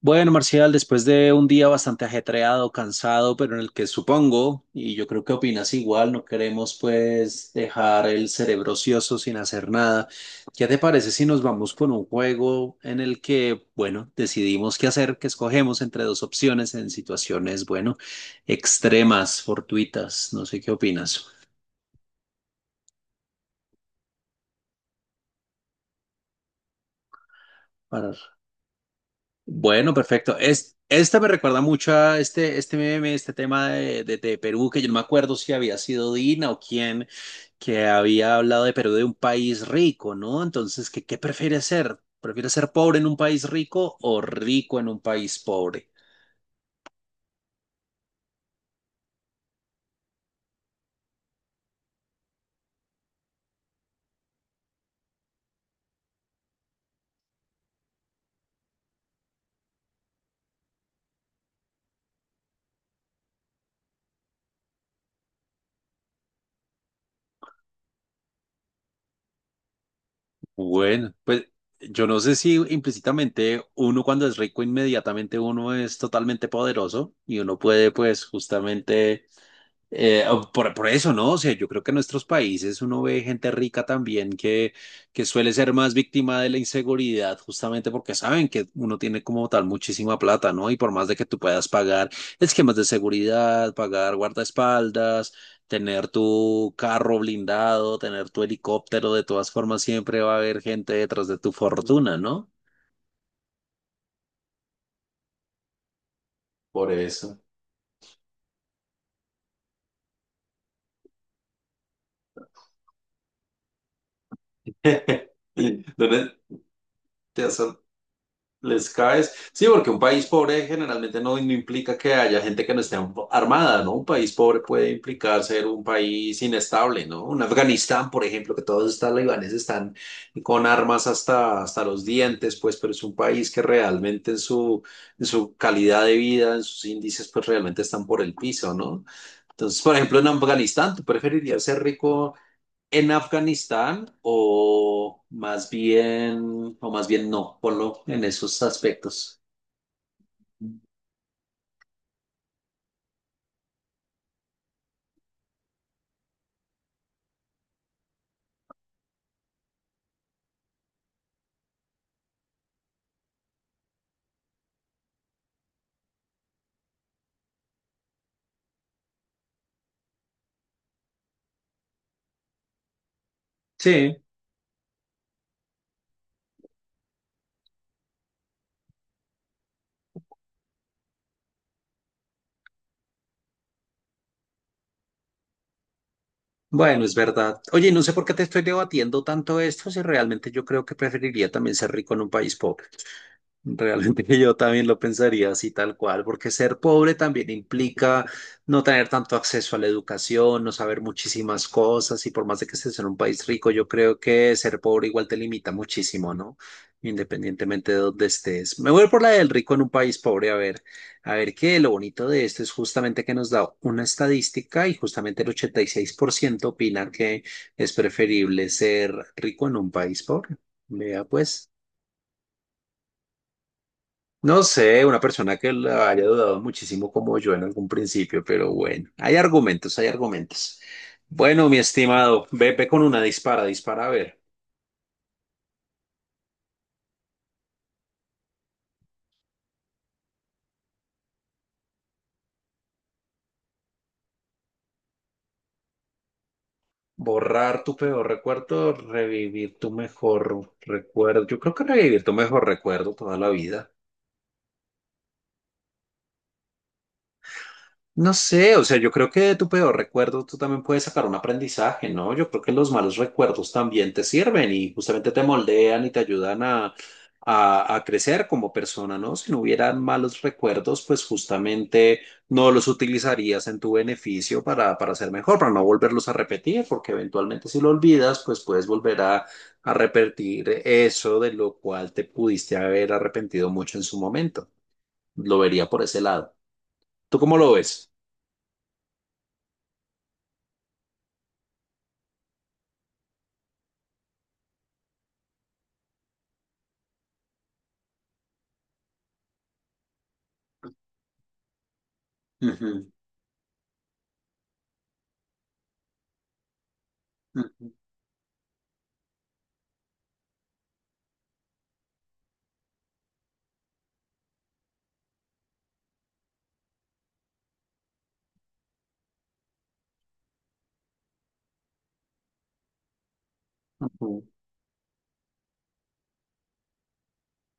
Bueno, Marcial, después de un día bastante ajetreado, cansado, pero en el que supongo, y yo creo que opinas igual, no queremos pues dejar el cerebro ocioso sin hacer nada. ¿Qué te parece si nos vamos con un juego en el que, bueno, decidimos qué hacer, que escogemos entre dos opciones en situaciones, bueno, extremas, fortuitas? No sé qué opinas. Bueno, perfecto. Esta me recuerda mucho a este meme, este tema de Perú, que yo no me acuerdo si había sido Dina o quién, que había hablado de Perú de un país rico, ¿no? Entonces, ¿qué prefiere ser? ¿Prefiere ser pobre en un país rico o rico en un país pobre? Bueno, pues yo no sé si implícitamente uno cuando es rico inmediatamente uno es totalmente poderoso y uno puede pues justamente. O por eso, ¿no? O sea, yo creo que en nuestros países uno ve gente rica también que suele ser más víctima de la inseguridad, justamente porque saben que uno tiene como tal muchísima plata, ¿no? Y por más de que tú puedas pagar esquemas de seguridad, pagar guardaespaldas, tener tu carro blindado, tener tu helicóptero, de todas formas siempre va a haber gente detrás de tu fortuna, ¿no? Por eso. ¿Dónde te has? Les caes. Sí, porque un país pobre generalmente no implica que haya gente que no esté armada, ¿no? Un país pobre puede implicar ser un país inestable, ¿no? Un Afganistán, por ejemplo, que todos estos talibanes están con armas hasta los dientes, pues, pero es un país que realmente en su calidad de vida, en sus índices, pues realmente están por el piso, ¿no? Entonces, por ejemplo, en Afganistán, ¿tú preferirías ser rico en Afganistán o más bien, no, ponlo en esos aspectos? Sí, bueno, es verdad. Oye, no sé por qué te estoy debatiendo tanto esto, si realmente yo creo que preferiría también ser rico en un país pobre. Realmente yo también lo pensaría así tal cual, porque ser pobre también implica no tener tanto acceso a la educación, no saber muchísimas cosas y por más de que estés en un país rico, yo creo que ser pobre igual te limita muchísimo, ¿no? Independientemente de dónde estés. Me voy por la del rico en un país pobre. A ver, a ver qué lo bonito de esto es justamente que nos da una estadística y justamente el 86% opina que es preferible ser rico en un país pobre. Vea pues. No sé, una persona que la haya dudado muchísimo como yo en algún principio, pero bueno, hay argumentos, hay argumentos. Bueno, mi estimado, ve, ve con una dispara, dispara a ver. Borrar tu peor recuerdo, revivir tu mejor recuerdo. Yo creo que revivir tu mejor recuerdo toda la vida. No sé, o sea, yo creo que de tu peor recuerdo tú también puedes sacar un aprendizaje, ¿no? Yo creo que los malos recuerdos también te sirven y justamente te moldean y te ayudan a crecer como persona, ¿no? Si no hubieran malos recuerdos, pues justamente no los utilizarías en tu beneficio para ser mejor, para no volverlos a repetir, porque eventualmente si lo olvidas, pues puedes volver a repetir eso de lo cual te pudiste haber arrepentido mucho en su momento. Lo vería por ese lado. ¿Tú cómo lo ves? Ujú. Ujú, ujú.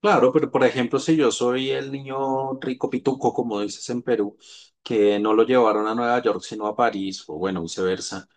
Claro, pero por ejemplo, si yo soy el niño rico pituco, como dices en Perú, que no lo llevaron a Nueva York, sino a París, o bueno, viceversa,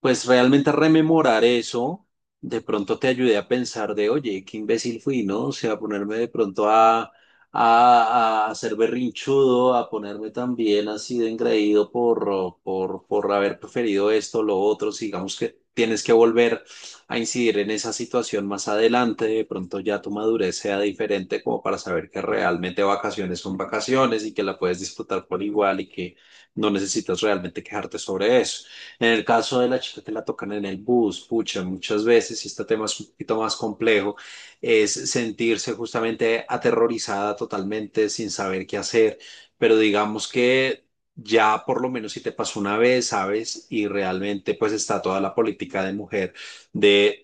pues realmente rememorar eso de pronto te ayude a pensar de, oye, qué imbécil fui, ¿no? O sea, ponerme de pronto a ser berrinchudo, a ponerme también así de engreído por haber preferido esto, lo otro, si digamos que tienes que volver a incidir en esa situación más adelante, de pronto ya tu madurez sea diferente como para saber que realmente vacaciones son vacaciones y que la puedes disfrutar por igual y que no necesitas realmente quejarte sobre eso. En el caso de la chica que la tocan en el bus, pucha, muchas veces, y este tema es un poquito más complejo, es sentirse justamente aterrorizada totalmente sin saber qué hacer, pero digamos que, ya por lo menos si te pasó una vez, sabes, y realmente pues está toda la política de mujer de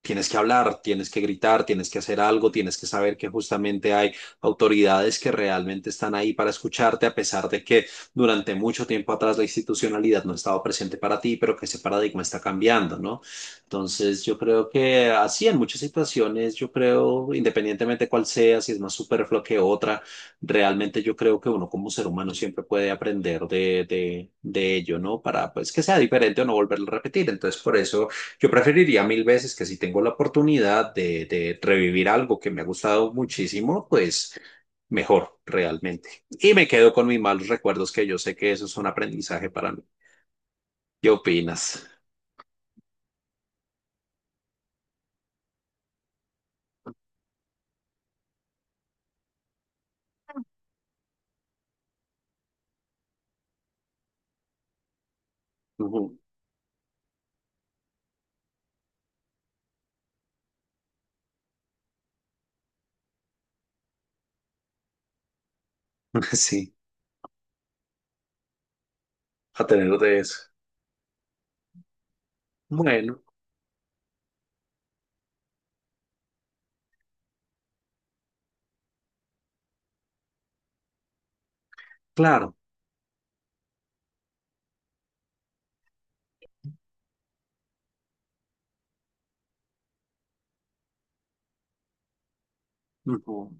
tienes que hablar, tienes que gritar, tienes que hacer algo, tienes que saber que justamente hay autoridades que realmente están ahí para escucharte, a pesar de que durante mucho tiempo atrás la institucionalidad no estaba presente para ti, pero que ese paradigma está cambiando, ¿no? Entonces, yo creo que así en muchas situaciones, yo creo, independientemente cuál sea, si es más superfluo que otra, realmente yo creo que uno como ser humano siempre puede aprender de ello, ¿no? Para pues que sea diferente o no volverlo a repetir. Entonces, por eso yo preferiría mil veces que si tengo la oportunidad de revivir algo que me ha gustado muchísimo, pues mejor realmente. Y me quedo con mis malos recuerdos, que yo sé que eso es un aprendizaje para mí. ¿Qué opinas? Ujú. Sí, a tener de eso. Bueno, claro. Ujú.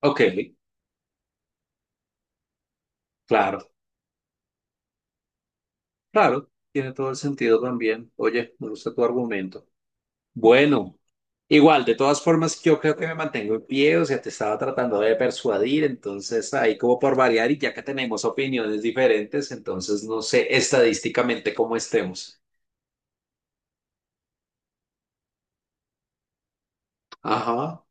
Ok, claro, claro. Tiene todo el sentido también. Oye, me gusta tu argumento. Bueno, igual, de todas formas, yo creo que me mantengo en pie, o sea, te estaba tratando de persuadir, entonces ahí como por variar y ya que tenemos opiniones diferentes, entonces no sé estadísticamente cómo estemos. Ajá,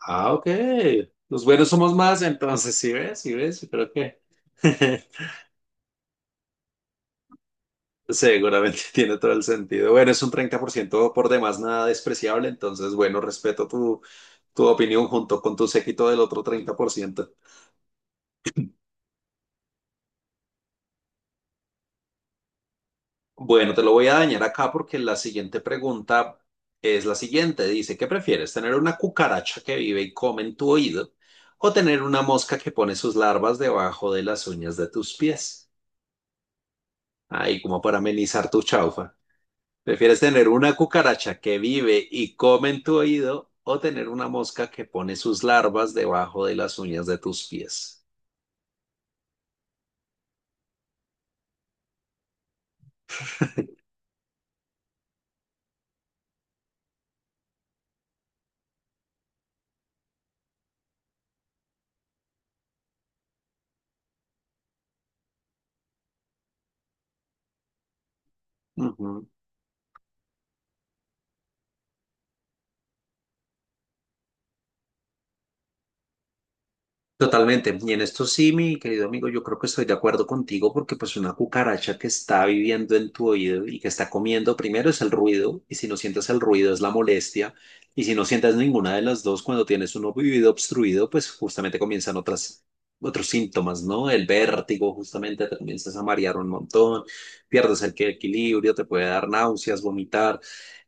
ah, ok. Los buenos somos más, entonces, ¿sí ves? ¿Sí ves? Yo creo que seguramente tiene todo el sentido. Bueno, es un 30% por demás, nada despreciable, entonces, bueno, respeto tu opinión junto con tu séquito del otro 30%. Bueno, te lo voy a dañar acá porque la siguiente pregunta es la siguiente. Dice, ¿qué prefieres? ¿Tener una cucaracha que vive y come en tu oído o tener una mosca que pone sus larvas debajo de las uñas de tus pies? Ahí, como para amenizar tu chaufa. ¿Prefieres tener una cucaracha que vive y come en tu oído o tener una mosca que pone sus larvas debajo de las uñas de tus pies? Ujú. Totalmente. Y en esto sí, mi querido amigo, yo creo que estoy de acuerdo contigo porque pues una cucaracha que está viviendo en tu oído y que está comiendo, primero es el ruido, y si no sientes el ruido es la molestia, y si no sientes ninguna de las dos, cuando tienes un oído obstruido, pues justamente comienzan otros síntomas, ¿no? El vértigo, justamente te comienzas a marear un montón, pierdes el equilibrio, te puede dar náuseas, vomitar.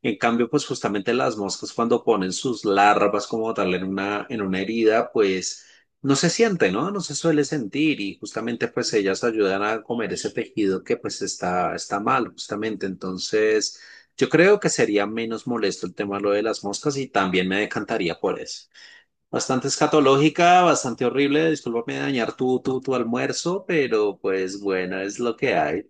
En cambio, pues justamente las moscas cuando ponen sus larvas como tal en una herida, pues. No se siente, ¿no? No se suele sentir y justamente pues ellas ayudan a comer ese tejido que pues está mal, justamente. Entonces, yo creo que sería menos molesto el tema de lo de las moscas y también me decantaría por eso. Bastante escatológica, bastante horrible, discúlpame de dañar tu almuerzo, pero pues bueno, es lo que hay.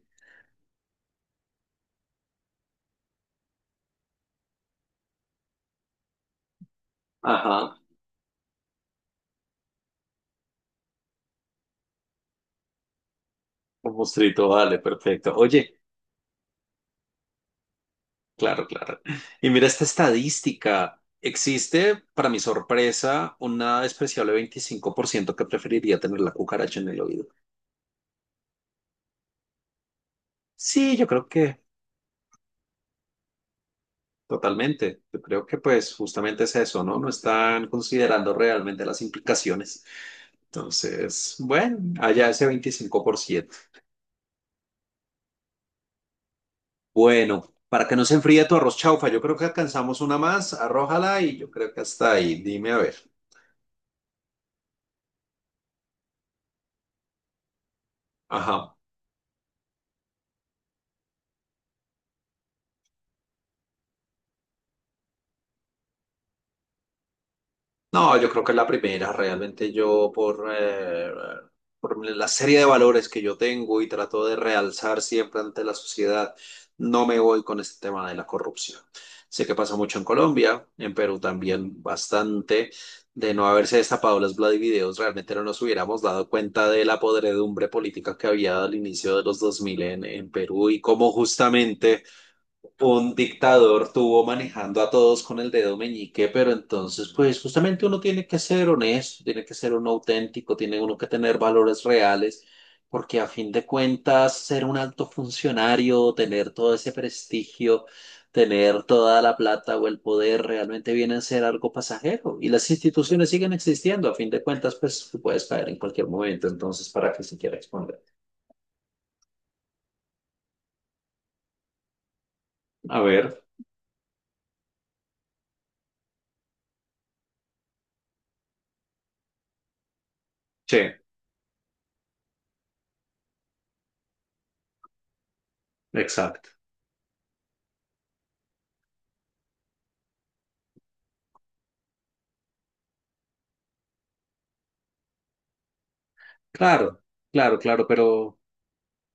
Ajá, un mostrito, vale, perfecto. Oye. Claro, claro. Y mira esta estadística. Existe, para mi sorpresa, una despreciable 25% que preferiría tener la cucaracha en el oído. Sí, yo creo que totalmente. Yo creo que pues justamente es eso, ¿no? No están considerando realmente las implicaciones. Entonces, bueno, allá ese 25%. Bueno, para que no se enfríe tu arroz chaufa, yo creo que alcanzamos una más, arrójala y yo creo que hasta ahí. Dime a ver. Ajá. No, yo creo que es la primera. Realmente yo por la serie de valores que yo tengo y trato de realzar siempre ante la sociedad, no me voy con este tema de la corrupción. Sé que pasa mucho en Colombia, en Perú también bastante. De no haberse destapado las Vladivideos, realmente no nos hubiéramos dado cuenta de la podredumbre política que había al inicio de los 2000 en Perú y cómo justamente un dictador tuvo manejando a todos con el dedo meñique, pero entonces, pues justamente uno tiene que ser honesto, tiene que ser uno auténtico, tiene uno que tener valores reales, porque a fin de cuentas, ser un alto funcionario, tener todo ese prestigio, tener toda la plata o el poder, realmente viene a ser algo pasajero. Y las instituciones siguen existiendo, a fin de cuentas, pues tú puedes caer en cualquier momento, entonces, ¿para qué se quiere exponer? A ver, sí, exacto. Claro, claro, claro, pero.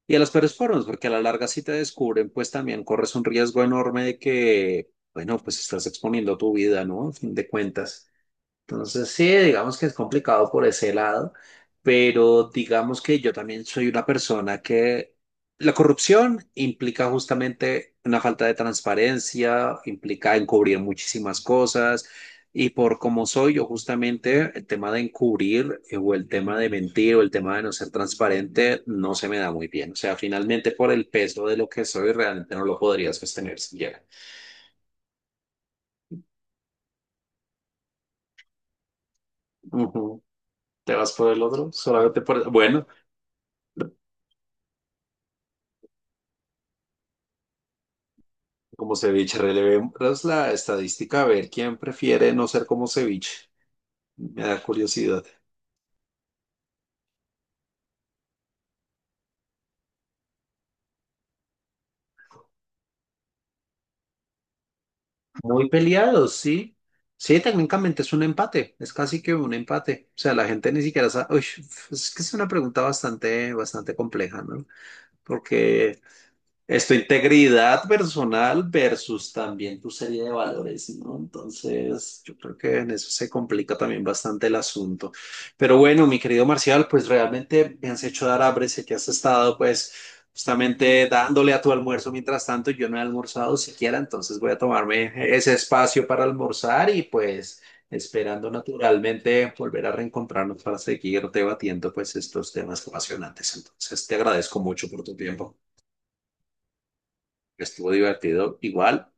Y a los peores formas, porque a la larga si te descubren, pues también corres un riesgo enorme de que, bueno, pues estás exponiendo tu vida, ¿no? A fin de cuentas. Entonces, sí, digamos que es complicado por ese lado, pero digamos que yo también soy una persona que la corrupción implica justamente una falta de transparencia, implica encubrir muchísimas cosas, y por como soy yo justamente, el tema de encubrir o el tema de mentir o el tema de no ser transparente no se me da muy bien. O sea, finalmente por el peso de lo que soy, realmente no lo podrías sostener siquiera. Ujú. Te vas por el otro, solamente por. Bueno. Como ceviche, relevemos la estadística a ver quién prefiere no ser como ceviche. Me da curiosidad. Muy peleados, sí. Sí, técnicamente es un empate, es casi que un empate. O sea, la gente ni siquiera sabe. Uy, es que es una pregunta bastante, bastante compleja, ¿no? Porque es tu integridad personal versus también tu serie de valores, ¿no? Entonces, yo creo que en eso se complica también bastante el asunto. Pero bueno, mi querido Marcial, pues realmente me has hecho dar hambre, sé que has estado pues justamente dándole a tu almuerzo mientras tanto, yo no he almorzado siquiera, entonces voy a tomarme ese espacio para almorzar y pues esperando naturalmente volver a reencontrarnos para seguir debatiendo pues estos temas apasionantes. Entonces, te agradezco mucho por tu tiempo. Estuvo divertido igual.